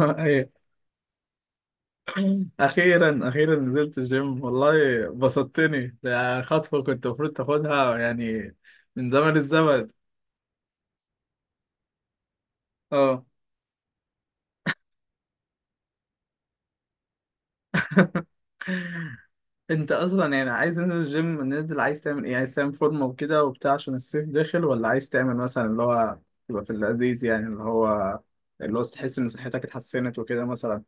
أيوة. اخيرا اخيرا نزلت الجيم والله بسطتني. ده خطوه كنت المفروض تاخدها يعني من زمن الزمن. اه انت اصلا يعني عايز تنزل الجيم ننزل، عايز تعمل ايه؟ عايز تعمل فورمه وكده وبتاع عشان الصيف داخل، ولا عايز تعمل مثلا اللي هو تبقى في اللذيذ يعني اللي هو تحس ان صحتك اتحسنت وكده مثلا؟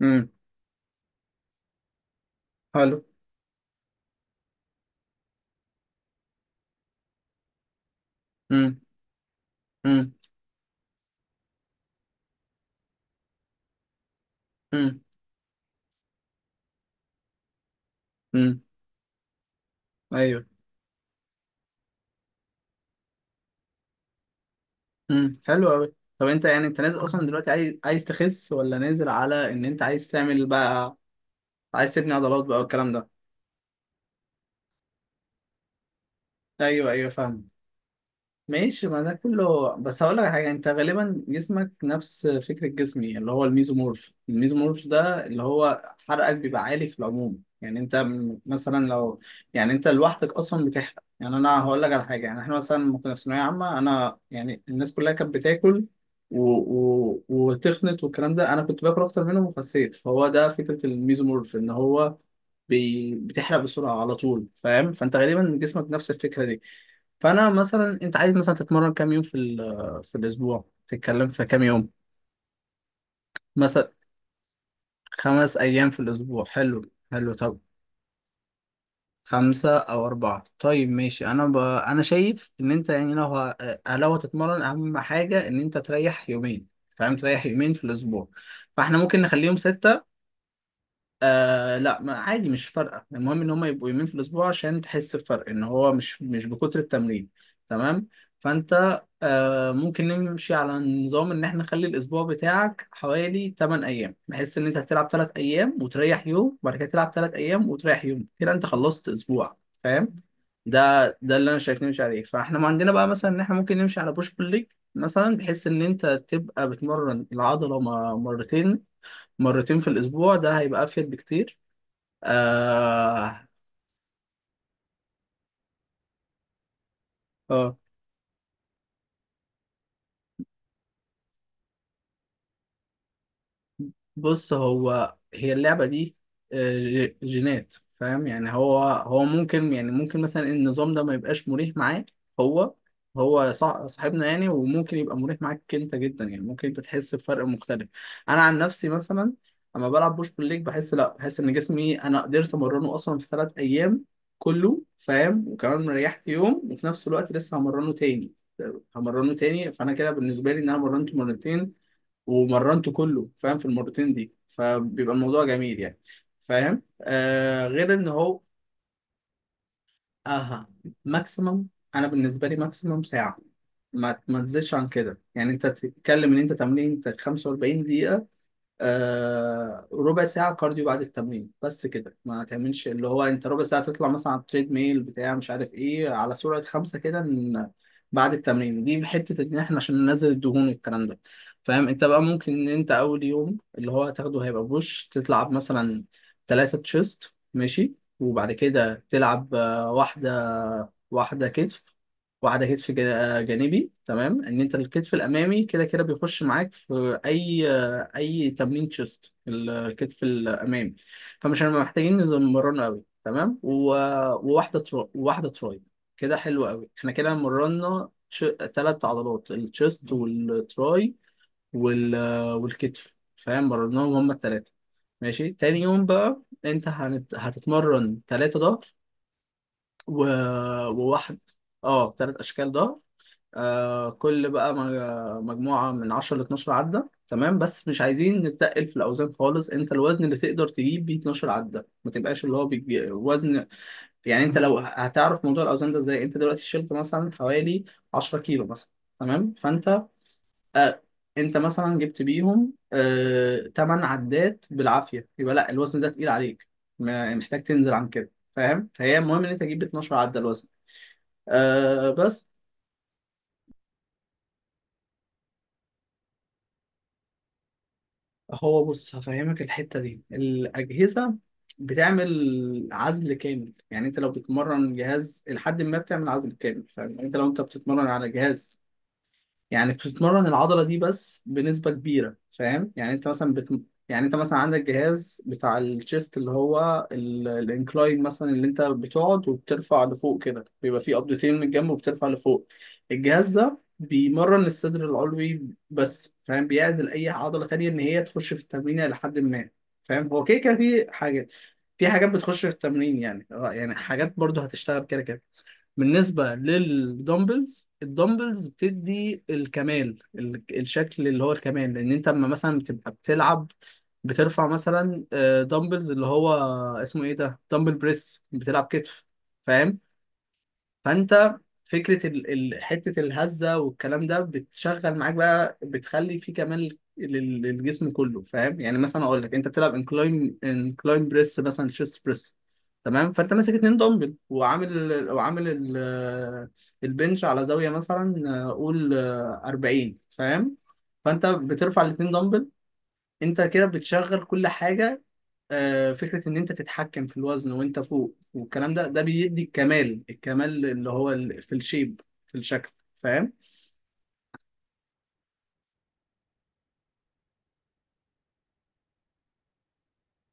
امم، حلو. امم. امم. امم. امم. ايوه. امم، حلو قوي. طب انت يعني انت نازل اصلا دلوقتي، عايز تخس، ولا نازل على ان انت عايز تعمل بقى عايز تبني عضلات بقى والكلام ده؟ ايوه ايوه، فاهم. ماشي، ما ده كله، بس هقول لك على حاجه. انت غالبا جسمك نفس فكره جسمي، اللي هو الميزومورف. الميزومورف ده اللي هو حرقك بيبقى عالي في العموم. يعني انت مثلا لو، يعني انت لوحدك اصلا بتحرق. يعني انا هقول لك على حاجه، يعني احنا مثلا لما كنا في ثانويه عامه، انا يعني الناس كلها كانت بتاكل وتخنت والكلام ده، انا كنت باكل اكتر منهم وخسيت. فهو ده فكره الميزومورف، ان هو بتحرق بسرعه على طول، فاهم؟ فانت غالبا جسمك نفس الفكره دي. فانا مثلا، انت عايز مثلا تتمرن كام يوم في في الاسبوع؟ تتكلم في كام يوم مثلا؟ خمس ايام في الاسبوع، حلو حلو. طب خمسة أو أربعة، طيب ماشي. أنا أنا شايف إن أنت يعني لو ه... آه، لو هتتمرن أهم حاجة إن أنت تريح يومين، فاهم، تريح يومين في الأسبوع. فإحنا ممكن نخليهم ستة. لا، ما عادي، مش فارقة، المهم ان هم يبقوا يومين في الاسبوع عشان تحس بفرق ان هو مش بكتر التمرين. تمام. فانت آه ممكن نمشي على نظام ان احنا نخلي الاسبوع بتاعك حوالي 8 ايام، بحيث ان انت هتلعب 3 ايام وتريح يوم، وبعد كده تلعب 3 ايام وتريح يوم، كده انت خلصت اسبوع، فاهم؟ ده اللي انا شايف نمشي عليه. فاحنا ما عندنا بقى مثلا ان احنا ممكن نمشي على بوش بول ليج مثلا، بحيث ان انت تبقى بتمرن العضلة مرتين، مرتين في الأسبوع، ده هيبقى أفيد بكتير. آه. آه. بص، هو هي اللعبة دي آه، جينات، فاهم؟ يعني هو، هو ممكن يعني ممكن مثلا النظام ده ما يبقاش مريح معاه هو هو، صاحبنا يعني، وممكن يبقى مريح معاك انت جدا، يعني ممكن انت تحس بفرق مختلف. انا عن نفسي مثلا، اما بلعب بوش بول ليج بحس، لا بحس ان جسمي انا قدرت امرنه اصلا في ثلاث ايام كله، فاهم، وكمان ريحت يوم وفي نفس الوقت لسه همرنه تاني، آه، همرنه تاني. فانا كده بالنسبه لي، ان انا مرنته مرتين ومرنته كله، فاهم، في المرتين دي، فبيبقى الموضوع جميل يعني. فاهم؟ آه، غير ان هو. اها. ماكسيمم، انا بالنسبه لي ماكسيمم ساعه، ما تزيدش عن كده. يعني انت تتكلم ان انت تمرين 45 دقيقه، آه، ربع ساعة كارديو بعد التمرين، بس كده. ما تعملش اللي هو انت ربع ساعة تطلع مثلا على التريد ميل بتاع مش عارف ايه على سرعة خمسة كده بعد التمرين دي حتة ان احنا عشان ننزل الدهون والكلام ده، فاهم؟ انت بقى ممكن ان انت اول يوم اللي هو هتاخده هيبقى بوش، تلعب مثلا تلاتة تشيست ماشي، وبعد كده تلعب آه، واحدة واحدة كتف، واحدة كتف جانبي، تمام، ان انت الكتف الامامي كده كده بيخش معاك في اي تمرين تشيست، الكتف الامامي، فمش هنبقى محتاجين نمرنه قوي، تمام. وواحده تراي. كده حلو قوي، احنا كده تلات عضلات، التشيست والتراي وال... والكتف، فاهم، مرناهم هما التلاتة، ماشي. تاني يوم بقى انت هتتمرن تلاتة ظهر، و... وواحد. اه، تلات اشكال ظهر. آه، كل بقى مجموعة من 10 ل 12 عدة، تمام، بس مش عايزين نتقل في الأوزان خالص. أنت الوزن اللي تقدر تجيب بيه 12 عدة، ما تبقاش اللي هو بيجي وزن يعني. أنت لو هتعرف موضوع الأوزان ده إزاي، أنت دلوقتي شلت مثلا حوالي 10 كيلو مثلا، تمام، فأنت آه أنت مثلا جبت بيهم آه 8 عدات بالعافية، يبقى لا الوزن ده تقيل عليك، محتاج تنزل عن كده، فاهم؟ فهي المهم إن أنت تجيب 12 عدة الوزن. آه، بس. هو بص، هفهمك الحتة دي. الأجهزة بتعمل عزل كامل، يعني انت لو بتتمرن جهاز لحد ما بتعمل عزل كامل، فاهم، يعني انت لو انت بتتمرن على جهاز يعني بتتمرن العضلة دي بس بنسبة كبيرة، فاهم؟ يعني انت مثلا يعني انت مثلا عندك جهاز بتاع الشيست، اللي هو الانكلاين مثلا، اللي انت بتقعد وبترفع لفوق كده، بيبقى فيه قبضتين من الجنب وبترفع لفوق. الجهاز ده بيمرن الصدر العلوي بس، فاهم، بيعزل اي عضلة تانية ان هي تخش في التمرين الى حد ما. فاهم؟ هو كده كده في حاجات، في حاجات بتخش في التمرين يعني، يعني حاجات برضه هتشتغل كده كده. بالنسبة للدمبلز، الدمبلز بتدي الكمال، الشكل اللي هو الكمال، لأن أنت أما مثلا بتبقى بتلعب بترفع مثلا آه، دمبلز اللي هو اسمه إيه ده، دمبل بريس بتلعب كتف، فاهم؟ فانت فكره حته الهزه والكلام ده بتشغل معاك بقى، بتخلي في كمال للجسم كله، فاهم؟ يعني مثلا اقول لك انت بتلعب انكلاين، انكلاين بريس مثلا، تشيست بريس، تمام، فانت ماسك اتنين دمبل وعامل البنش على زاويه مثلا آه، قول آه، 40، فاهم؟ فانت بترفع الاتنين دمبل، انت كده بتشغل كل حاجه. آه، فكرة إن أنت تتحكم في الوزن وأنت فوق والكلام ده، ده بيدي الكمال، الكمال اللي هو في الشيب، في الشكل، فاهم؟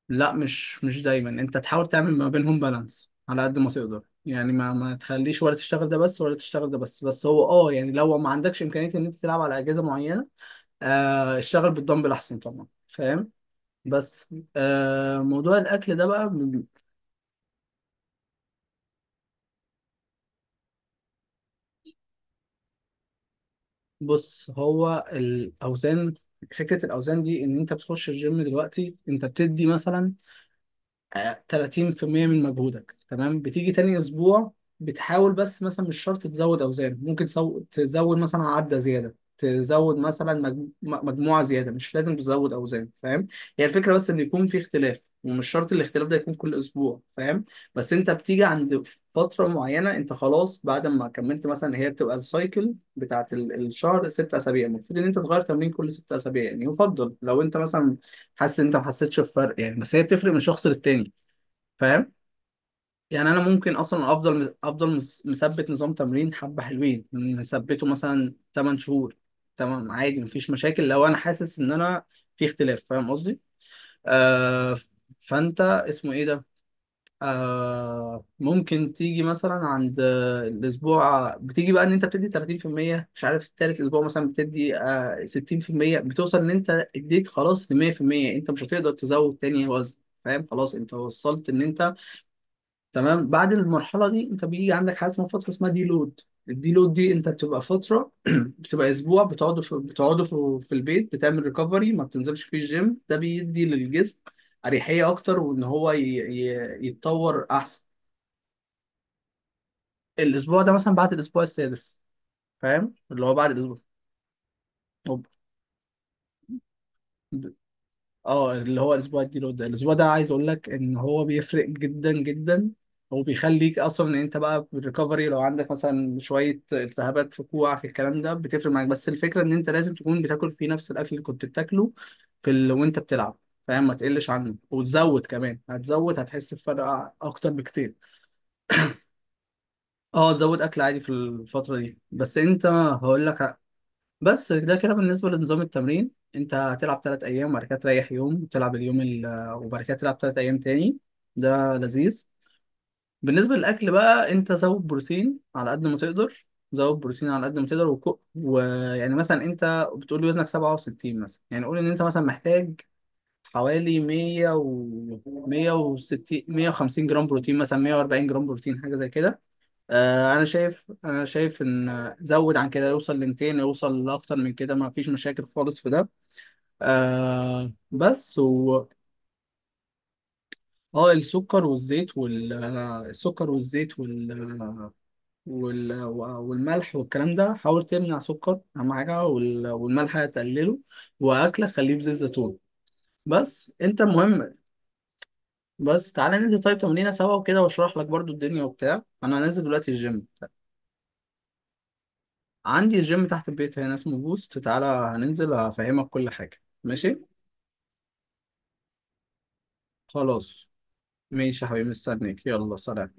لا، مش دايما، أنت تحاول تعمل ما بينهم بالانس على قد ما تقدر، يعني ما تخليش ولا تشتغل ده بس ولا تشتغل ده بس، بس هو أه يعني لو ما عندكش إمكانية إن أنت تلعب على أجهزة معينة، آه، اشتغل بالدمبل أحسن طبعا، فاهم؟ بس آه، موضوع الأكل ده بقى. بص، هو الاوزان، فكره الاوزان دي ان انت بتخش الجيم دلوقتي انت بتدي مثلا آه، 30% من مجهودك، تمام، بتيجي تاني اسبوع بتحاول بس مثلا مش شرط تزود اوزان، ممكن تزود مثلا عدة زيادة، تزود مثلا مجموعة زيادة، مش لازم تزود اوزان، فاهم؟ هي الفكرة بس ان يكون في اختلاف، ومش شرط الاختلاف ده يكون كل اسبوع، فاهم؟ بس انت بتيجي عند فترة معينة انت خلاص بعد ما كملت مثلا، هي بتبقى السايكل بتاعت الشهر ست اسابيع، المفروض ان انت تغير تمرين كل ست اسابيع، يعني يفضل لو انت مثلا حاسس ان انت ما حسيتش بفرق، يعني بس هي بتفرق من شخص للتاني، فاهم؟ يعني انا ممكن اصلا افضل مثبت نظام تمرين حبه حلوين مثبته مثلا 8 شهور، تمام عادي، مفيش مشاكل، لو انا حاسس ان انا في اختلاف، فاهم قصدي؟ آه ف- فانت اسمه ايه ده، آه ممكن تيجي مثلا عند آه، الاسبوع بتيجي بقى ان انت بتدي 30% مش عارف، التالت اسبوع مثلا بتدي آه 60%، بتوصل ان انت اديت خلاص ل 100%، انت مش هتقدر تزود تاني وزن، فاهم؟ خلاص انت وصلت ان انت. تمام. بعد المرحله دي انت بيجي عندك حاجه اسمها فتره اسمها دي لود. الدي لود دي انت بتبقى فتره بتبقى اسبوع، في البيت بتعمل ريكفري، ما بتنزلش فيه الجيم، ده بيدي للجسم اريحيه اكتر وان هو يتطور احسن. الاسبوع ده مثلا بعد الاسبوع السادس، فاهم، اللي هو بعد الاسبوع. طب اه اللي هو الاسبوع الديلو ده، الاسبوع ده عايز اقول لك ان هو بيفرق جدا جدا، هو بيخليك اصلا ان انت بقى بالريكفري، لو عندك مثلا شويه التهابات في كوعك الكلام ده بتفرق معاك. بس الفكره ان انت لازم تكون بتاكل فيه نفس الاكل اللي كنت بتاكله في وانت بتلعب، فاهم، ما تقلش عنه، وتزود كمان، هتزود هتحس بفرق اكتر بكتير. اه تزود اكل عادي في الفتره دي، بس انت هقول لك. بس ده كده بالنسبة لنظام التمرين. انت هتلعب تلات ايام وبعد كده تريح يوم، وتلعب اليوم ال... آه، وبعد كده تلعب تلات ايام تاني، ده لذيذ. بالنسبة للاكل بقى، انت زود بروتين على قد ما تقدر، زود بروتين على قد ما تقدر، ويعني مثلا انت بتقول لي وزنك 67 مثلا، يعني قول ان انت مثلا محتاج حوالي 100 و 160 150 جرام بروتين مثلا، 140 جرام بروتين، حاجة زي كده. آه، انا شايف ان زود عن كده، يوصل ل 200، يوصل لاكتر من كده، ما فيش مشاكل خالص في ده. آه بس، و. اه، السكر والزيت آه، والملح والكلام ده، حاول تمنع سكر اهم حاجه، والملح تقلله، واكلك خليه بزيت زيتون، بس انت مهم. بس تعالى ننزل طيب تمرينه سوا وكده، واشرح لك برضو الدنيا وبتاع، انا هنزل دلوقتي الجيم، عندي الجيم تحت البيت هنا اسمه بوست، تعالى هننزل هفهمك كل حاجة، ماشي؟ خلاص ماشي يا حبيبي، مستنيك، يلا سلام.